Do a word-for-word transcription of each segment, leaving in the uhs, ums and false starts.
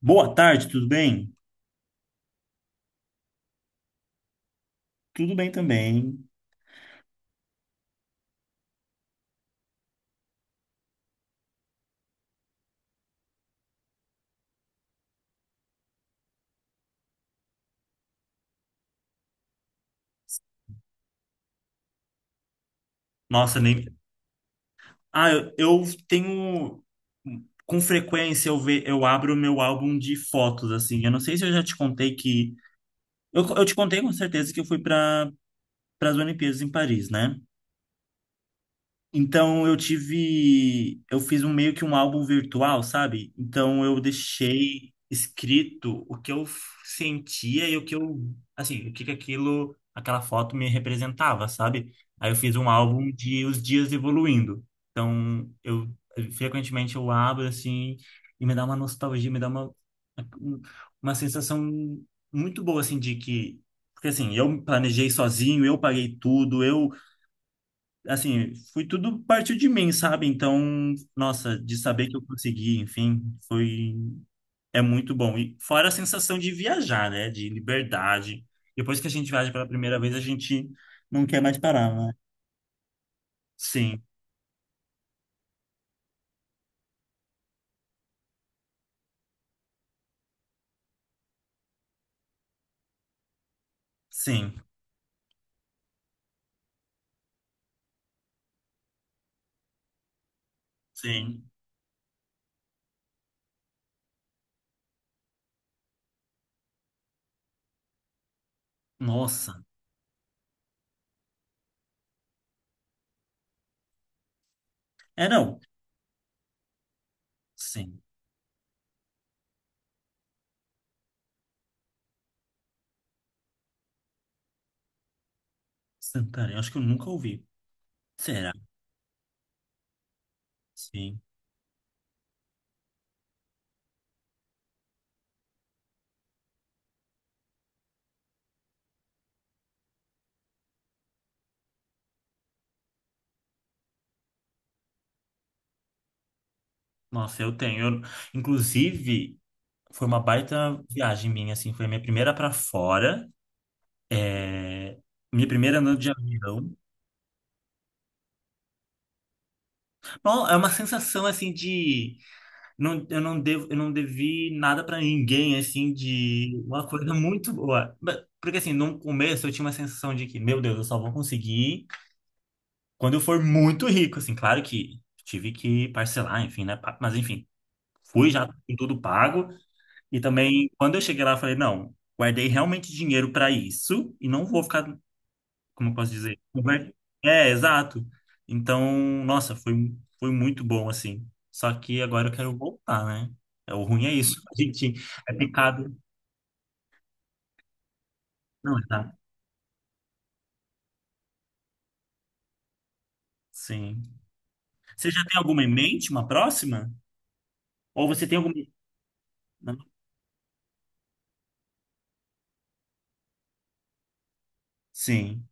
Boa tarde, tudo bem? Tudo bem também. Nossa, nem. Ah, eu, eu tenho. Com frequência eu, ve... eu abro o meu álbum de fotos, assim. Eu não sei se eu já te contei que. Eu, eu te contei com certeza que eu fui para as Olimpíadas em Paris, né? Então eu tive, eu fiz um meio que um álbum virtual, sabe? Então eu deixei escrito o que eu f- sentia e o que eu, assim, o que que aquilo, aquela foto me representava, sabe? Aí eu fiz um álbum de os dias evoluindo. Então eu frequentemente eu abro assim e me dá uma nostalgia, me dá uma uma sensação muito boa assim de que. Porque assim, eu planejei sozinho, eu paguei tudo, eu assim, foi tudo partiu de mim, sabe? Então, nossa, de saber que eu consegui, enfim, foi é muito bom. E fora a sensação de viajar, né? De liberdade. Depois que a gente viaja pela primeira vez, a gente não quer mais parar, né? Sim, sim, sim. Nossa. É, não. Sim. Santarém, acho que eu nunca ouvi. Será? Sim. Nossa, eu tenho. Eu- inclusive, foi uma baita viagem minha, assim, foi a minha primeira para fora. É, minha primeira noite de avião. Bom, é uma sensação assim de não, eu não devo, eu não devi nada pra ninguém, assim, de uma coisa muito boa. Mas- Porque assim, no começo eu tinha uma sensação de que, meu Deus, eu só vou conseguir quando eu for muito rico, assim, claro que tive que parcelar, enfim, né? pa- Mas enfim, fui já com tudo pago e também quando eu cheguei lá, eu falei, não, guardei realmente dinheiro pra isso e não vou ficar, como eu posso dizer? Conver- É, É, exato. Então, nossa, foi, foi muito bom, assim. Só que agora eu quero voltar, né? É, o ruim é isso. A gente é picado. Não, exato. Sim. Você já tem alguma em mente, uma próxima? Ou você tem alguma. Não? Sim.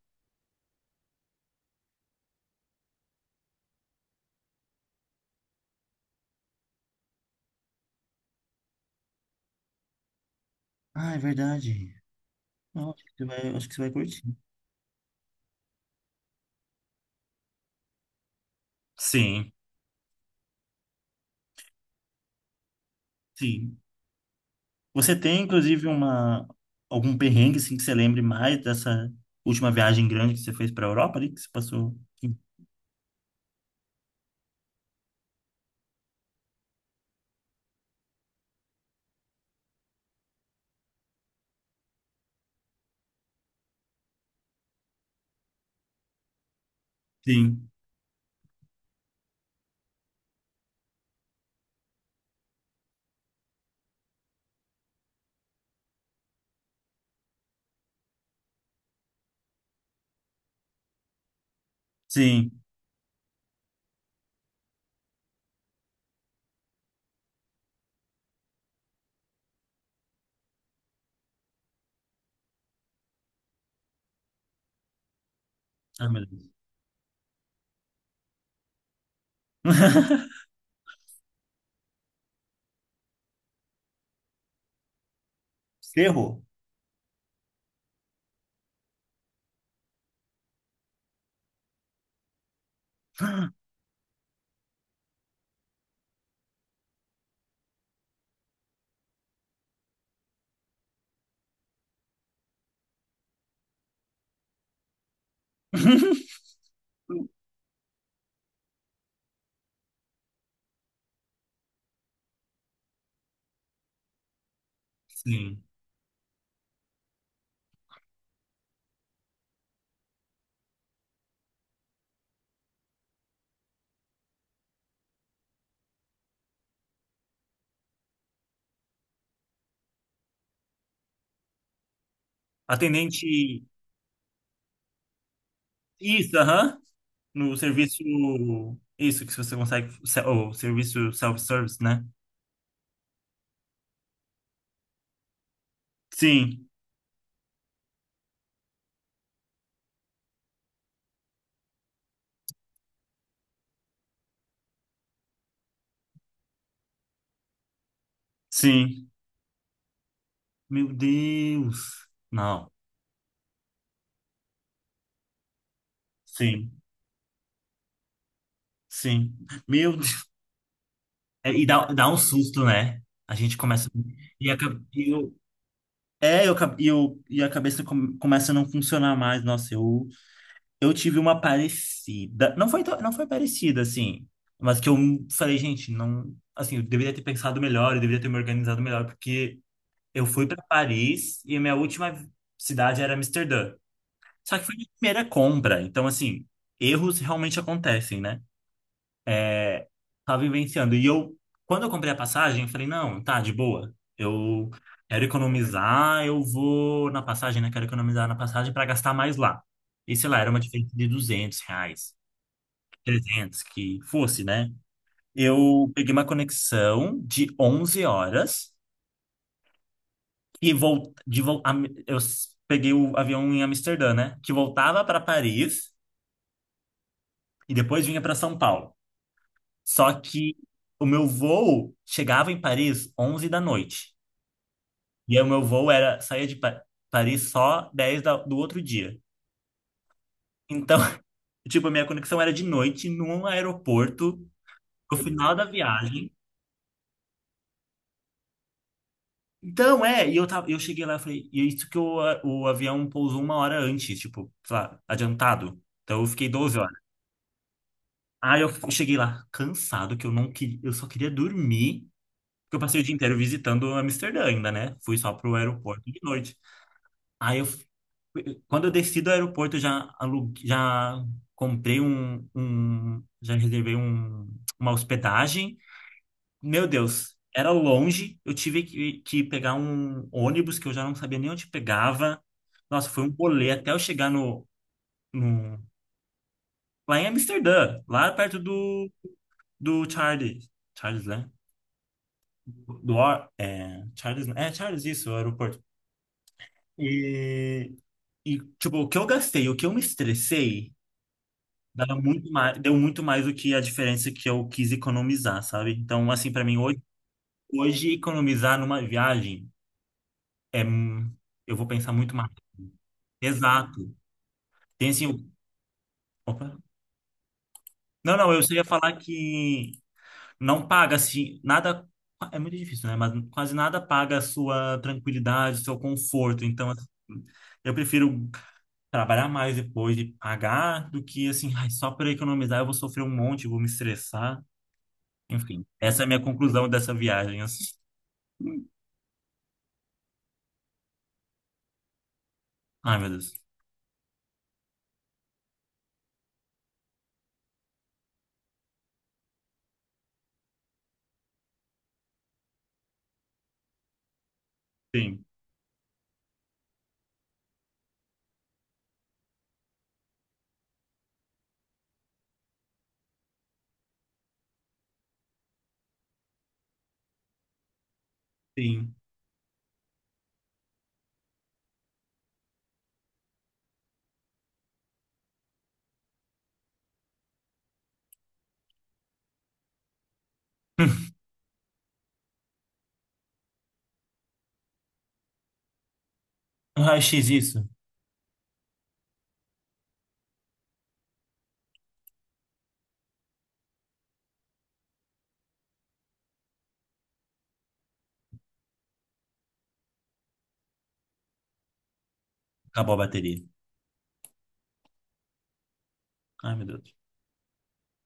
Ah, é verdade. Não, acho que você vai, acho que você vai curtir. Sim, sim. Você tem, inclusive, uma, algum perrengue, assim, que você lembre mais dessa última viagem grande que você fez para a Europa ali, que você passou? Sim, sim. Ai, meu Deus. Você errou. Sim. Atendente. Isso, aham. No serviço. Isso, que se você consegue. se- O serviço self-service, né? Sim, sim. Meu Deus. Não. Sim, sim. Meu Deus. É, e dá, dá um susto, né? A gente começa. E a, ca- e eu, é, eu, ca- e eu, e a cabeça come- começa a não funcionar mais. Nossa, eu. Eu tive uma parecida. Não foi, tão- não foi parecida, assim. Mas que eu falei, gente, não. Assim, eu deveria ter pensado melhor, eu deveria ter me organizado melhor, porque eu fui para Paris e a minha última cidade era Amsterdã. Só que foi minha primeira compra. Então, assim, erros realmente acontecem, né? Tava vivenciando. E eu, quando eu comprei a passagem, eu falei, não, tá, de boa. Eu quero economizar, eu vou na passagem, né? Quero economizar na passagem para gastar mais lá. E sei lá, era uma diferença de duzentos reais. trezentos que fosse, né? Eu peguei uma conexão de onze horas e vol de vol Am- eu s- peguei o avião em Amsterdã, né? Que voltava para Paris e depois vinha para São Paulo. Só que o meu voo chegava em Paris onze da noite. E aí o meu voo era saía de Pa- Paris só dez da- do outro dia. Então, tipo, a minha conexão era de noite num aeroporto, no final da viagem. Então, é, e eu tava, eu cheguei lá e falei, e é isso que o, a- o avião pousou uma hora antes, tipo, sei lá, adiantado. Então eu fiquei doze horas. Aí eu cheguei lá cansado, que eu não queria, eu só queria dormir, porque eu passei o dia inteiro visitando Amsterdã ainda, né? Fui só pro aeroporto de noite. Aí eu, f- Quando eu desci do aeroporto, eu já aluguei, já comprei um, um, já reservei um, uma hospedagem. Meu Deus, era longe. Eu tive que, que pegar um ônibus que eu já não sabia nem onde pegava. Nossa, foi um rolê até eu chegar no, no- lá em Amsterdã, lá perto do, do Charles. Charles, né? Do, Ar- é, Charles, é, Charles, isso, o aeroporto. E, e, tipo, o que eu gastei, o que eu me estressei, dava muito mais, deu muito mais do que a diferença que eu quis economizar, sabe? Então, assim, pra mim, hoje, hoje economizar numa viagem é. hum, Eu vou pensar muito mais. Exato. Tem assim. o- Opa. Não, não, eu só ia falar que não paga assim, nada. É muito difícil, né? Mas quase nada paga a sua tranquilidade, o seu conforto. Então, assim, eu prefiro trabalhar mais depois e pagar do que assim, ai, só para economizar eu vou sofrer um monte, vou me estressar. Enfim, essa é a minha conclusão dessa viagem, assim. Ai, meu Deus. Sim, sim. Raio-x isso. Acabou a bateria. Ai, meu Deus.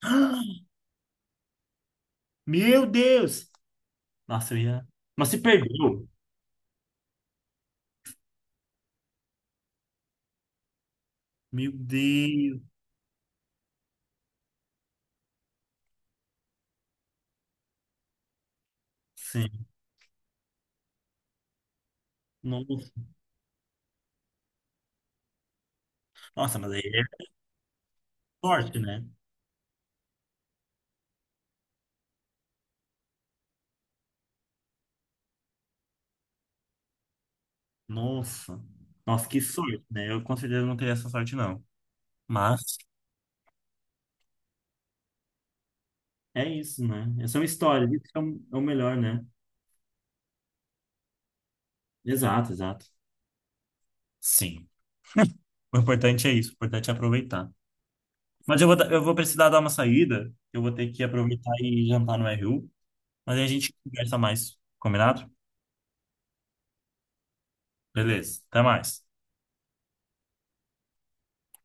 Meu Deus! Nossa, eu ia. Mas se perdeu. Meu Deus, sim. Nossa, Nossa, mas aí é sorte, né? Nossa, nossa, que sorte, né? Eu com certeza não teria essa sorte, não. Mas é isso, né? Essa é uma história, isso é o é o melhor, né? Exato, exato. Sim. O importante é isso, o importante é aproveitar. Mas eu vou, dar- eu vou precisar dar uma saída, eu vou ter que aproveitar e jantar no R U, mas aí a gente conversa mais, combinado? Beleza, até mais.